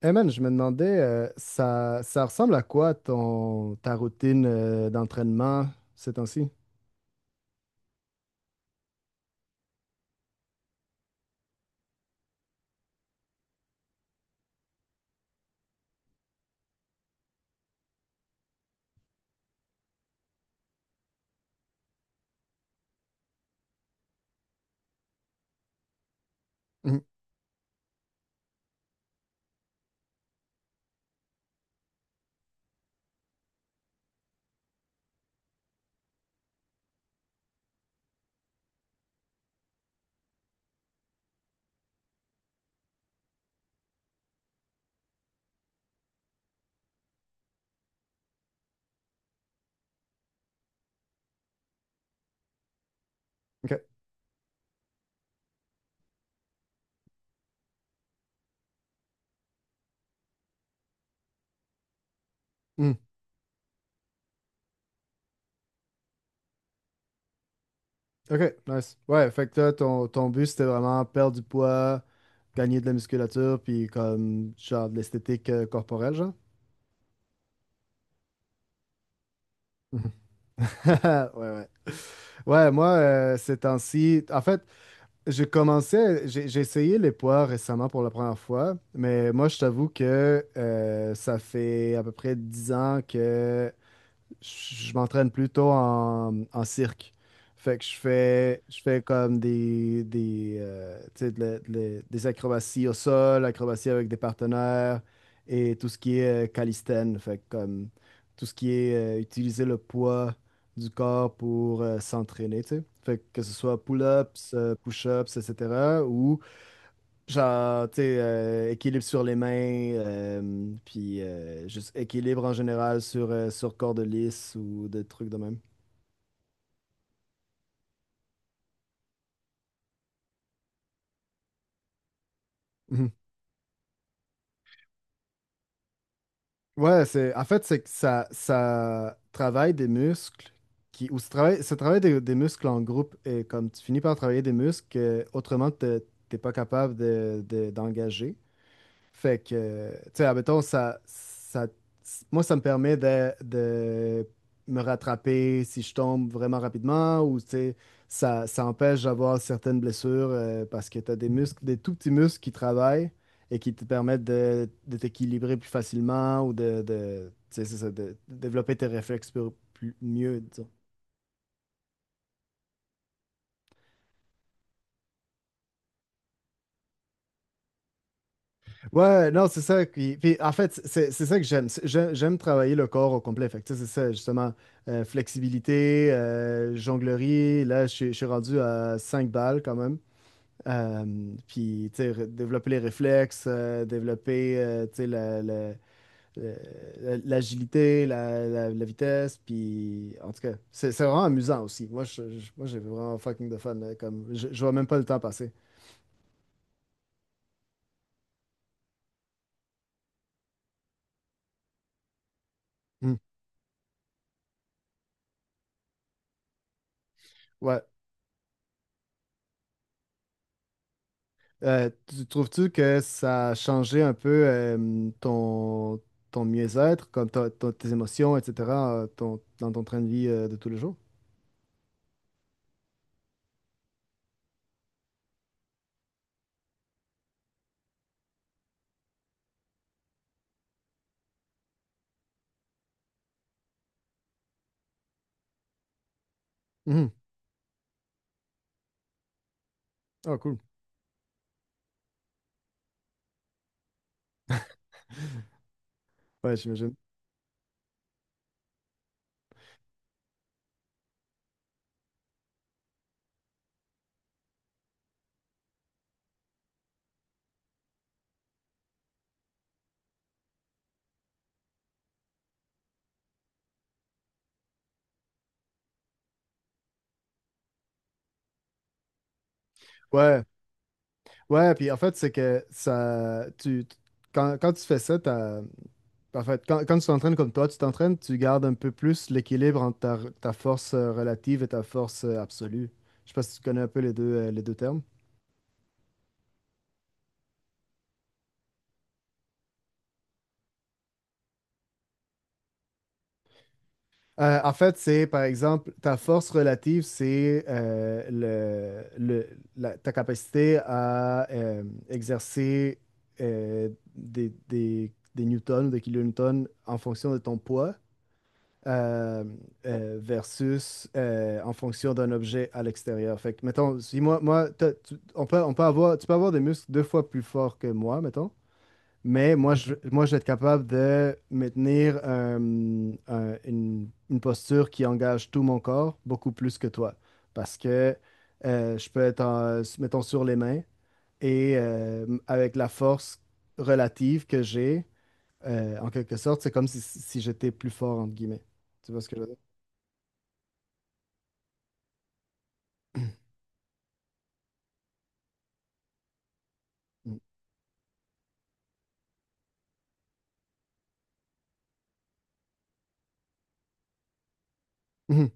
Hey man, je me demandais, ça ressemble à quoi ton, ta routine d'entraînement ces temps-ci? Mhm. OK. Mhm. OK, nice. Ouais, fait que toi, ton, ton but, c'était vraiment perdre du poids, gagner de la musculature, puis comme genre de l'esthétique corporelle, genre? Mhm. Ouais, ouais. Ouais, moi, ces temps-ci, en fait, j'ai essayé les poids récemment pour la première fois, mais moi, je t'avoue que ça fait à peu près 10 ans que je m'entraîne plutôt en, en cirque. Fait que je fais comme tu sais, des acrobaties au sol, acrobaties avec des partenaires et tout ce qui est calistène. Fait que comme tout ce qui est utiliser le poids du corps pour s'entraîner, tu sais. Fait que ce soit pull-ups, push-ups, etc. ou genre, tu sais, équilibre sur les mains, puis juste équilibre en général sur, sur corde lisse ou des trucs de même. Mhm. Ouais, c'est, en fait, ça travaille des muscles qui, ou ça travaille des muscles en groupe et comme tu finis par travailler des muscles que autrement, t'es pas capable de, d'engager. Fait que, tu sais, admettons, moi, ça me permet de me rattraper si je tombe vraiment rapidement ou, tu sais, ça empêche d'avoir certaines blessures parce que tu as des muscles, des tout petits muscles qui travaillent et qui te permettent de t'équilibrer plus facilement ou de, tu sais, c'est ça, de développer tes réflexes mieux, disons. Ouais, non, c'est ça. Puis, en fait, c'est ça que j'aime. J'aime travailler le corps au complet. Fait que, tu sais, c'est ça, justement. Flexibilité, jonglerie. Là, je suis rendu à 5 balles quand même. Puis, tu sais, développer les réflexes, développer, tu sais, l'agilité, la vitesse. Puis, en tout cas, c'est vraiment amusant aussi. Moi, moi, j'ai vraiment fucking de fun là, comme, je vois même pas le temps passer. Hmm. Ouais. Tu trouves-tu que ça a changé un peu ton, ton mieux-être, comme tes émotions, etc., dans ton train de vie de tous les jours? Mhm. Ah, cool. Ouais, j'imagine. Ouais, ouais, puis en fait, c'est que ça, quand, quand tu fais ça, quand, quand tu t'entraînes comme toi, tu t'entraînes, tu gardes un peu plus l'équilibre entre ta, ta force relative et ta force absolue. Je sais pas si tu connais un peu les deux termes. En fait, c'est par exemple, ta force relative, c'est ta capacité à exercer euh, des newtons ou des kilonewtons en fonction de ton poids euh, versus en fonction d'un objet à l'extérieur. Fait que, mettons, si moi, tu, on peut avoir, tu peux avoir des muscles deux fois plus forts que moi, mettons, mais moi, je vais être capable de maintenir une posture qui engage tout mon corps beaucoup plus que toi. Parce que je peux être, mettons, sur les mains et avec la force relative que j'ai, en quelque sorte, c'est comme si, si j'étais plus fort, entre guillemets. Tu vois ce que je veux dire? Mm. Mhm.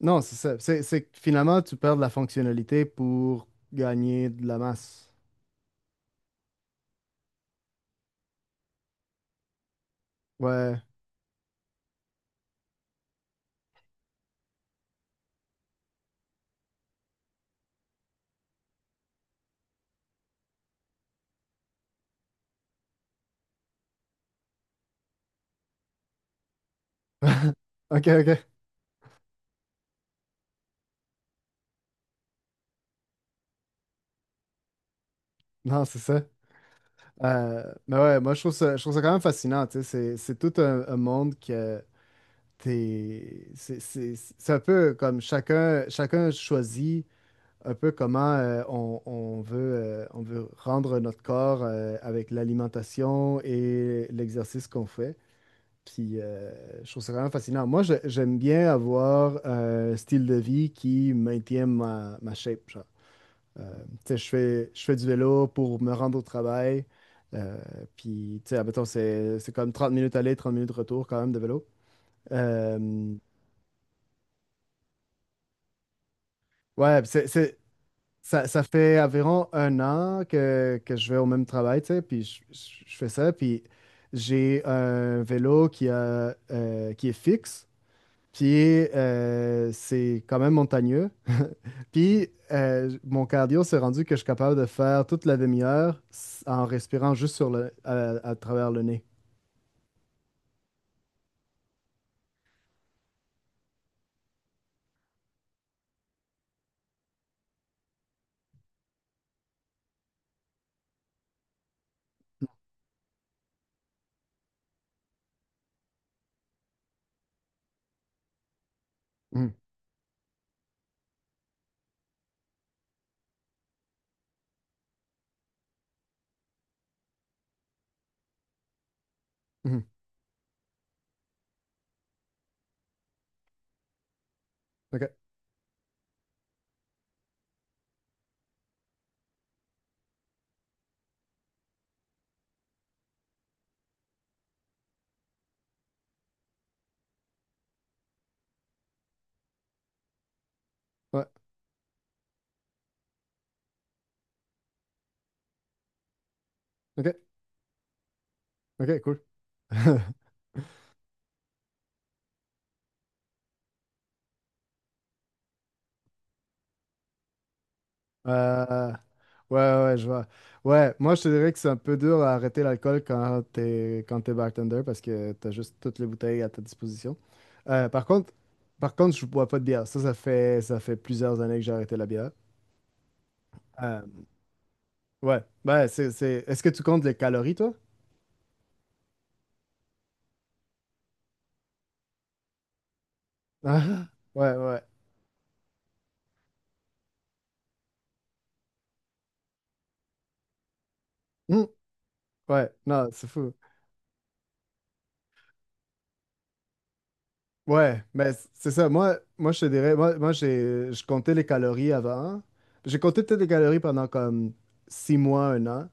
Non, c'est ça. C'est que finalement, tu perds de la fonctionnalité pour gagner de la masse. Ouais. OK, OK. Non, c'est ça. Euh, mais ouais, moi je trouve ça quand même fascinant, tu sais, c'est tout un monde que c'est un peu comme chacun, chacun choisit un peu comment on veut rendre notre corps avec l'alimentation et l'exercice qu'on fait. Puis je trouve ça quand même fascinant. J'aime bien avoir un style de vie qui maintient ma, ma shape, tu sais, je fais du vélo pour me rendre au travail. Euh, puis, tu sais, admettons, c'est comme 30 minutes aller, 30 minutes retour quand même de vélo. Euh, ouais, puis ça, ça fait environ 1 an que je vais au même travail, tu sais, puis je, je fais ça. Puis j'ai un vélo qui a, qui est fixe. Puis c'est quand même montagneux. Puis mon cardio s'est rendu que je suis capable de faire toute la demi-heure en respirant juste sur le, à travers le nez. Mhm. Mhm. OK. Ouais. OK. OK, cool. Euh, ouais, ouais, ouais, je vois. Ouais, moi, je te dirais que c'est un peu dur à arrêter l'alcool quand t'es bartender parce que t'as juste toutes les bouteilles à ta disposition. Euh, par contre, par contre, je bois pas de bière. Ça fait plusieurs années que j'ai arrêté la bière. Euh, ouais, ouais, c'est... Est-ce que tu comptes les calories, toi? Ah, ouais, ouais. Hmm, ouais, non, c'est fou. Ouais, mais c'est ça. Moi, moi, je te dirais, moi, moi je comptais les calories avant. J'ai compté peut-être les calories pendant comme 6 mois, 1 an.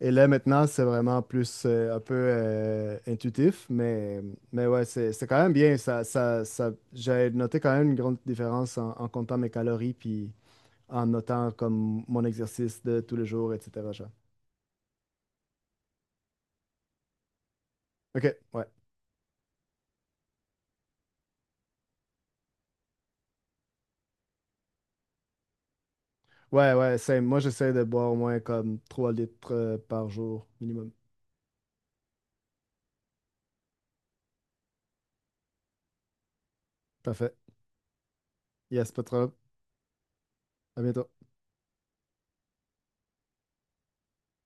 Et là, maintenant, c'est vraiment plus un peu intuitif. Mais ouais, c'est quand même bien. J'ai noté quand même une grande différence en, en comptant mes calories puis en notant comme mon exercice de tous les jours, etc. genre. OK, ouais. Ouais, ouais, c'est, moi, j'essaie de boire au moins comme 3 litres par jour minimum. Parfait. Yes, pas trop. À bientôt.